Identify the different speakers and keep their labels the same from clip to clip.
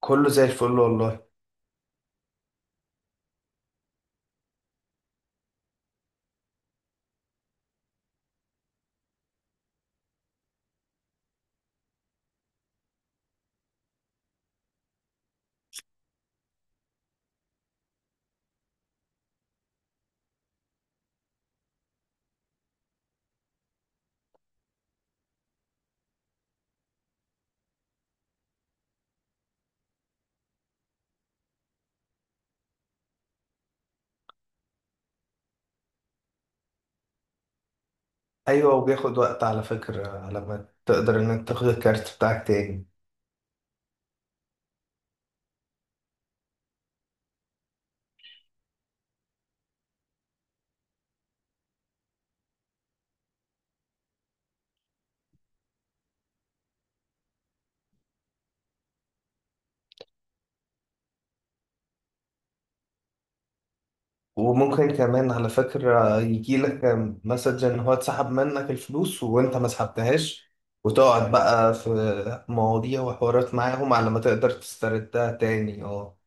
Speaker 1: كله زي الفل والله. ايوه، وبياخد وقت على فكرة على ما تقدر انك تاخد الكارت بتاعك تاني. وممكن كمان على فكرة يجيلك مسج ان هو اتسحب منك الفلوس وانت ما سحبتهاش، وتقعد بقى في مواضيع وحوارات معاهم على ما تقدر تستردها تاني. اه،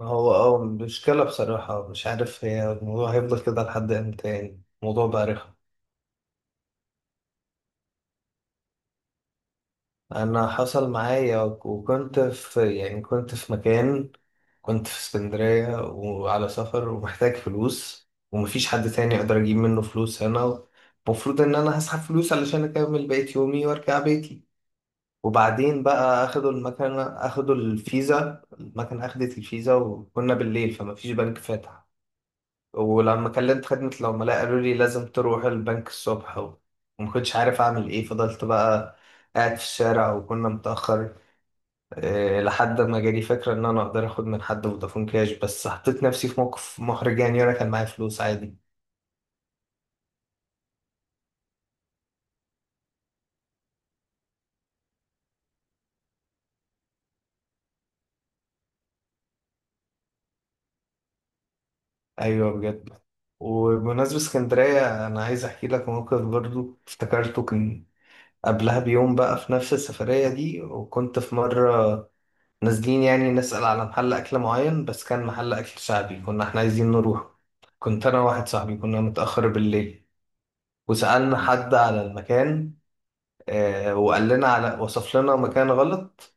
Speaker 1: ما هو اه مشكلة بصراحة. مش عارف هي الموضوع هيفضل كده لحد امتى، يعني الموضوع بقى رخم. انا حصل معايا، وكنت في يعني كنت في مكان، كنت في اسكندرية وعلى سفر ومحتاج فلوس ومفيش حد تاني يقدر أجيب منه فلوس هنا. المفروض إن أنا هسحب فلوس علشان أكمل بقية يومي وأرجع بيتي. وبعدين بقى أخدوا المكنة، أخدوا الفيزا، المكنة أخدت الفيزا وكنا بالليل فمفيش بنك فاتح. ولما كلمت خدمة العملاء قالوا لي لازم تروح البنك الصبح. ومكنتش عارف أعمل إيه، فضلت بقى قاعد في الشارع وكنا متأخر، لحد ما جالي فكرة إن أنا أقدر آخد من حد فودافون كاش. بس حطيت نفسي في موقف محرج، يعني أنا كان معايا فلوس عادي. أيوه، بجد. وبمناسبة اسكندرية أنا عايز أحكي لك موقف برضو افتكرته. كان قبلها بيوم بقى في نفس السفرية دي، وكنت في مرة نازلين يعني نسأل على محل أكل معين، بس كان محل أكل شعبي كنا إحنا عايزين نروح. كنت أنا وواحد صاحبي كنا متأخر بالليل. وسألنا حد على المكان، وقال لنا على وصف لنا مكان غلط.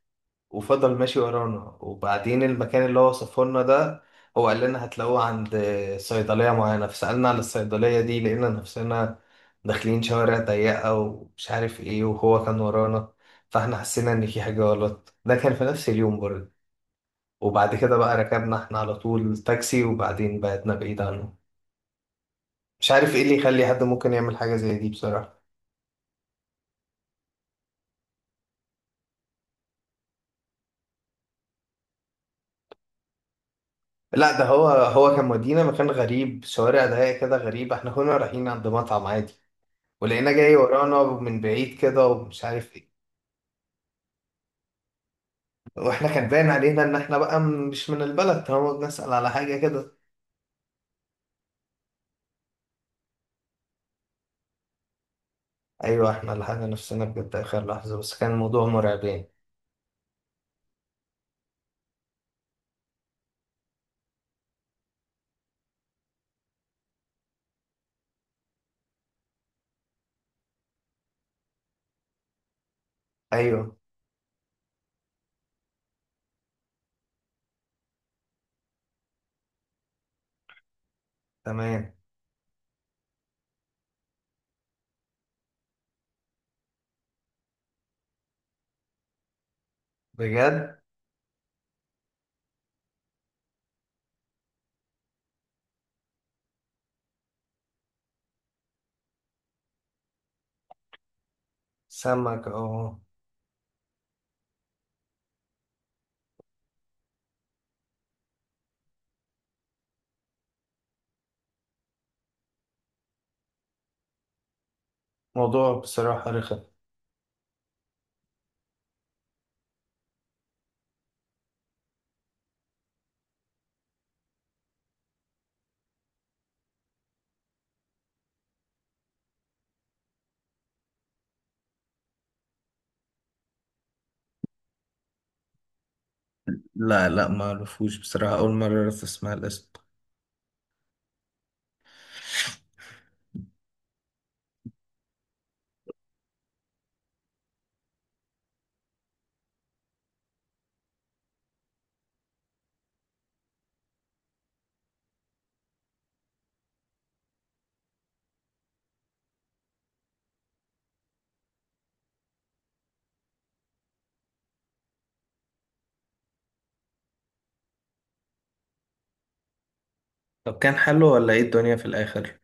Speaker 1: وفضل ماشي ورانا. وبعدين المكان اللي هو وصفه لنا ده، هو قال لنا هتلاقوه عند صيدلية معينة، فسألنا على الصيدلية دي، لقينا نفسنا داخلين شوارع ضيقة ومش عارف ايه، وهو كان ورانا. فاحنا حسينا ان في حاجة غلط. ده كان في نفس اليوم برضه. وبعد كده بقى ركبنا احنا على طول تاكسي وبعدين بعدنا بعيد عنه. مش عارف ايه اللي يخلي حد ممكن يعمل حاجة زي دي بصراحة. لا، ده هو كان مودينا مكان غريب، شوارع ضيقة كده غريبة، احنا كنا رايحين عند مطعم عادي. ولقينا جاي ورانا من بعيد كده، ومش عارف ايه. واحنا كان باين علينا ان احنا بقى مش من البلد طالما نسأل على حاجة كده. ايوه، احنا لحقنا نفسنا بجد اخر لحظة، بس كان الموضوع مرعب يعني. ايوه. تمام. بجد. سمك، اه. موضوع بصراحة رخم. لا لا، ما اعرفوش بصراحة، اول مرة اعرف اسمع الاسم. طب كان حلو ولا ايه الدنيا في الاخر؟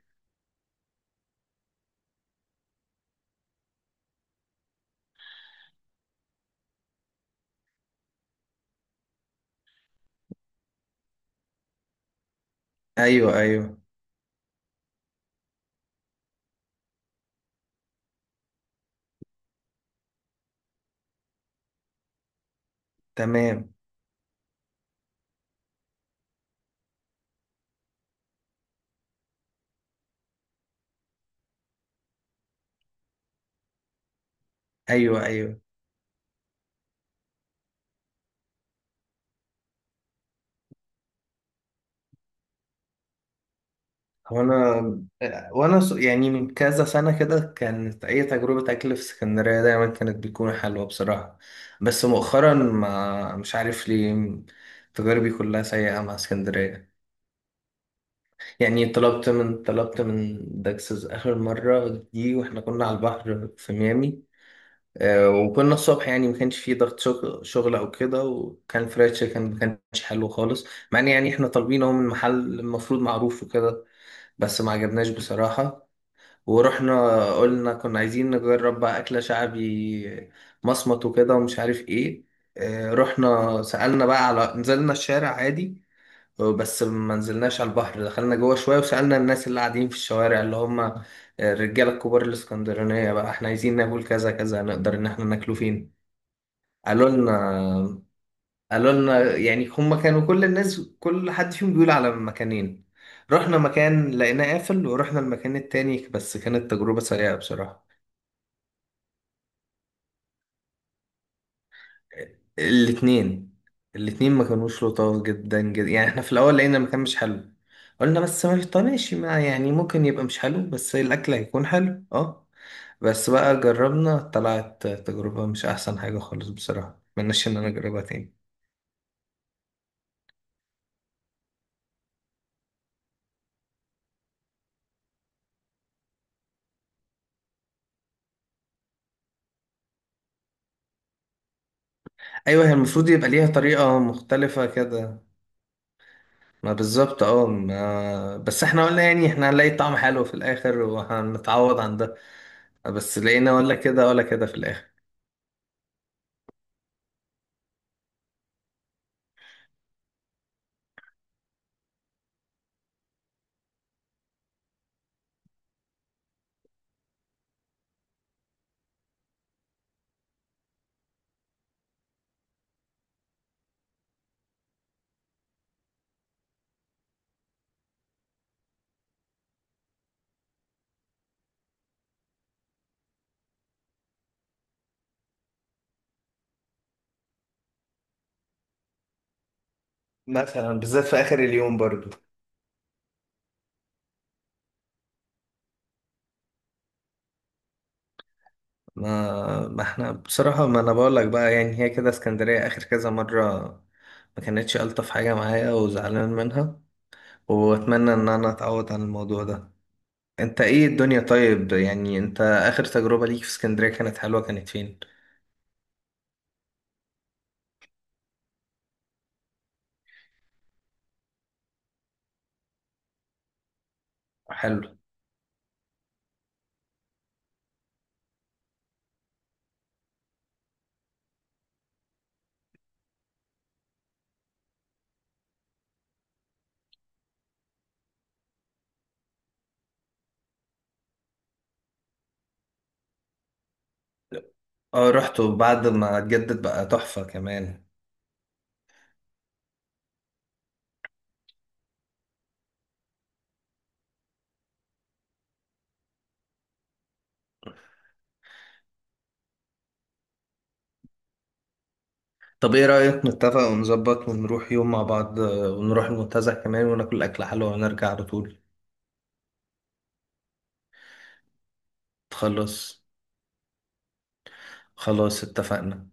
Speaker 1: ايوه ايوه. تمام. ايوه ايوه. وانا وانا يعني من كذا سنة كده كانت اي تجربة اكل في اسكندرية دايما كانت بتكون حلوة بصراحة. بس مؤخرا ما مش عارف ليه، تجاربي كلها سيئة مع اسكندرية. يعني طلبت من داكسز اخر مرة دي، واحنا كنا على البحر في ميامي. وكنا الصبح، يعني ما كانش فيه ضغط شغل او كده، وكان فرايد تشيكن ما كانش حلو خالص، مع ان يعني احنا طالبينه من محل المفروض معروف وكده. بس ما عجبناش بصراحة. ورحنا قلنا كنا عايزين نجرب بقى أكلة شعبي مصمت وكده ومش عارف إيه. رحنا سألنا بقى على نزلنا الشارع عادي بس ما نزلناش على البحر، دخلنا جوه شوية وسألنا الناس اللي قاعدين في الشوارع، اللي هم الرجالة الكبار الإسكندرانية، بقى إحنا عايزين ناكل كذا كذا نقدر إن إحنا ناكله فين. قالوا لنا قالوا لنا، يعني هم كانوا كل الناس كل حد فيهم بيقول على مكانين. رحنا مكان لقيناه قافل، ورحنا المكان التاني بس كانت تجربة سيئة بصراحة. الاتنين. الاتنين ما كانوش لطاف جدا جدا، يعني احنا في الاول لقينا المكان مش حلو. قلنا بس ما، طب ماشي، ما يعني ممكن يبقى مش حلو بس الاكل هيكون حلو، اه. بس بقى جربنا طلعت تجربة مش احسن حاجة خالص بصراحة، مناش ان انا اجربها تاني. ايوه، هي المفروض يبقى ليها طريقة مختلفة كده. ما بالظبط اه، ما بس احنا قلنا يعني احنا هنلاقي طعم حلو في الاخر وهنتعوض عن ده، بس لقينا ولا كده ولا كده في الاخر. مثلا بالذات في اخر اليوم برضو. ما احنا بصراحة ما انا بقول لك بقى، يعني هي كده اسكندرية اخر كذا مرة ما كانتش الطف حاجة معايا وزعلان منها، واتمنى ان انا اتعود عن الموضوع ده. انت ايه الدنيا، طيب؟ يعني انت اخر تجربة ليك في اسكندرية كانت حلوة كانت فين؟ حلو. اه، رحت وبعد ما اتجدد بقى تحفة كمان. طب ايه رأيك نتفق ونظبط ونروح يوم مع بعض، ونروح المنتزه كمان وناكل اكل حلو ونرجع على طول. خلاص. خلاص اتفقنا.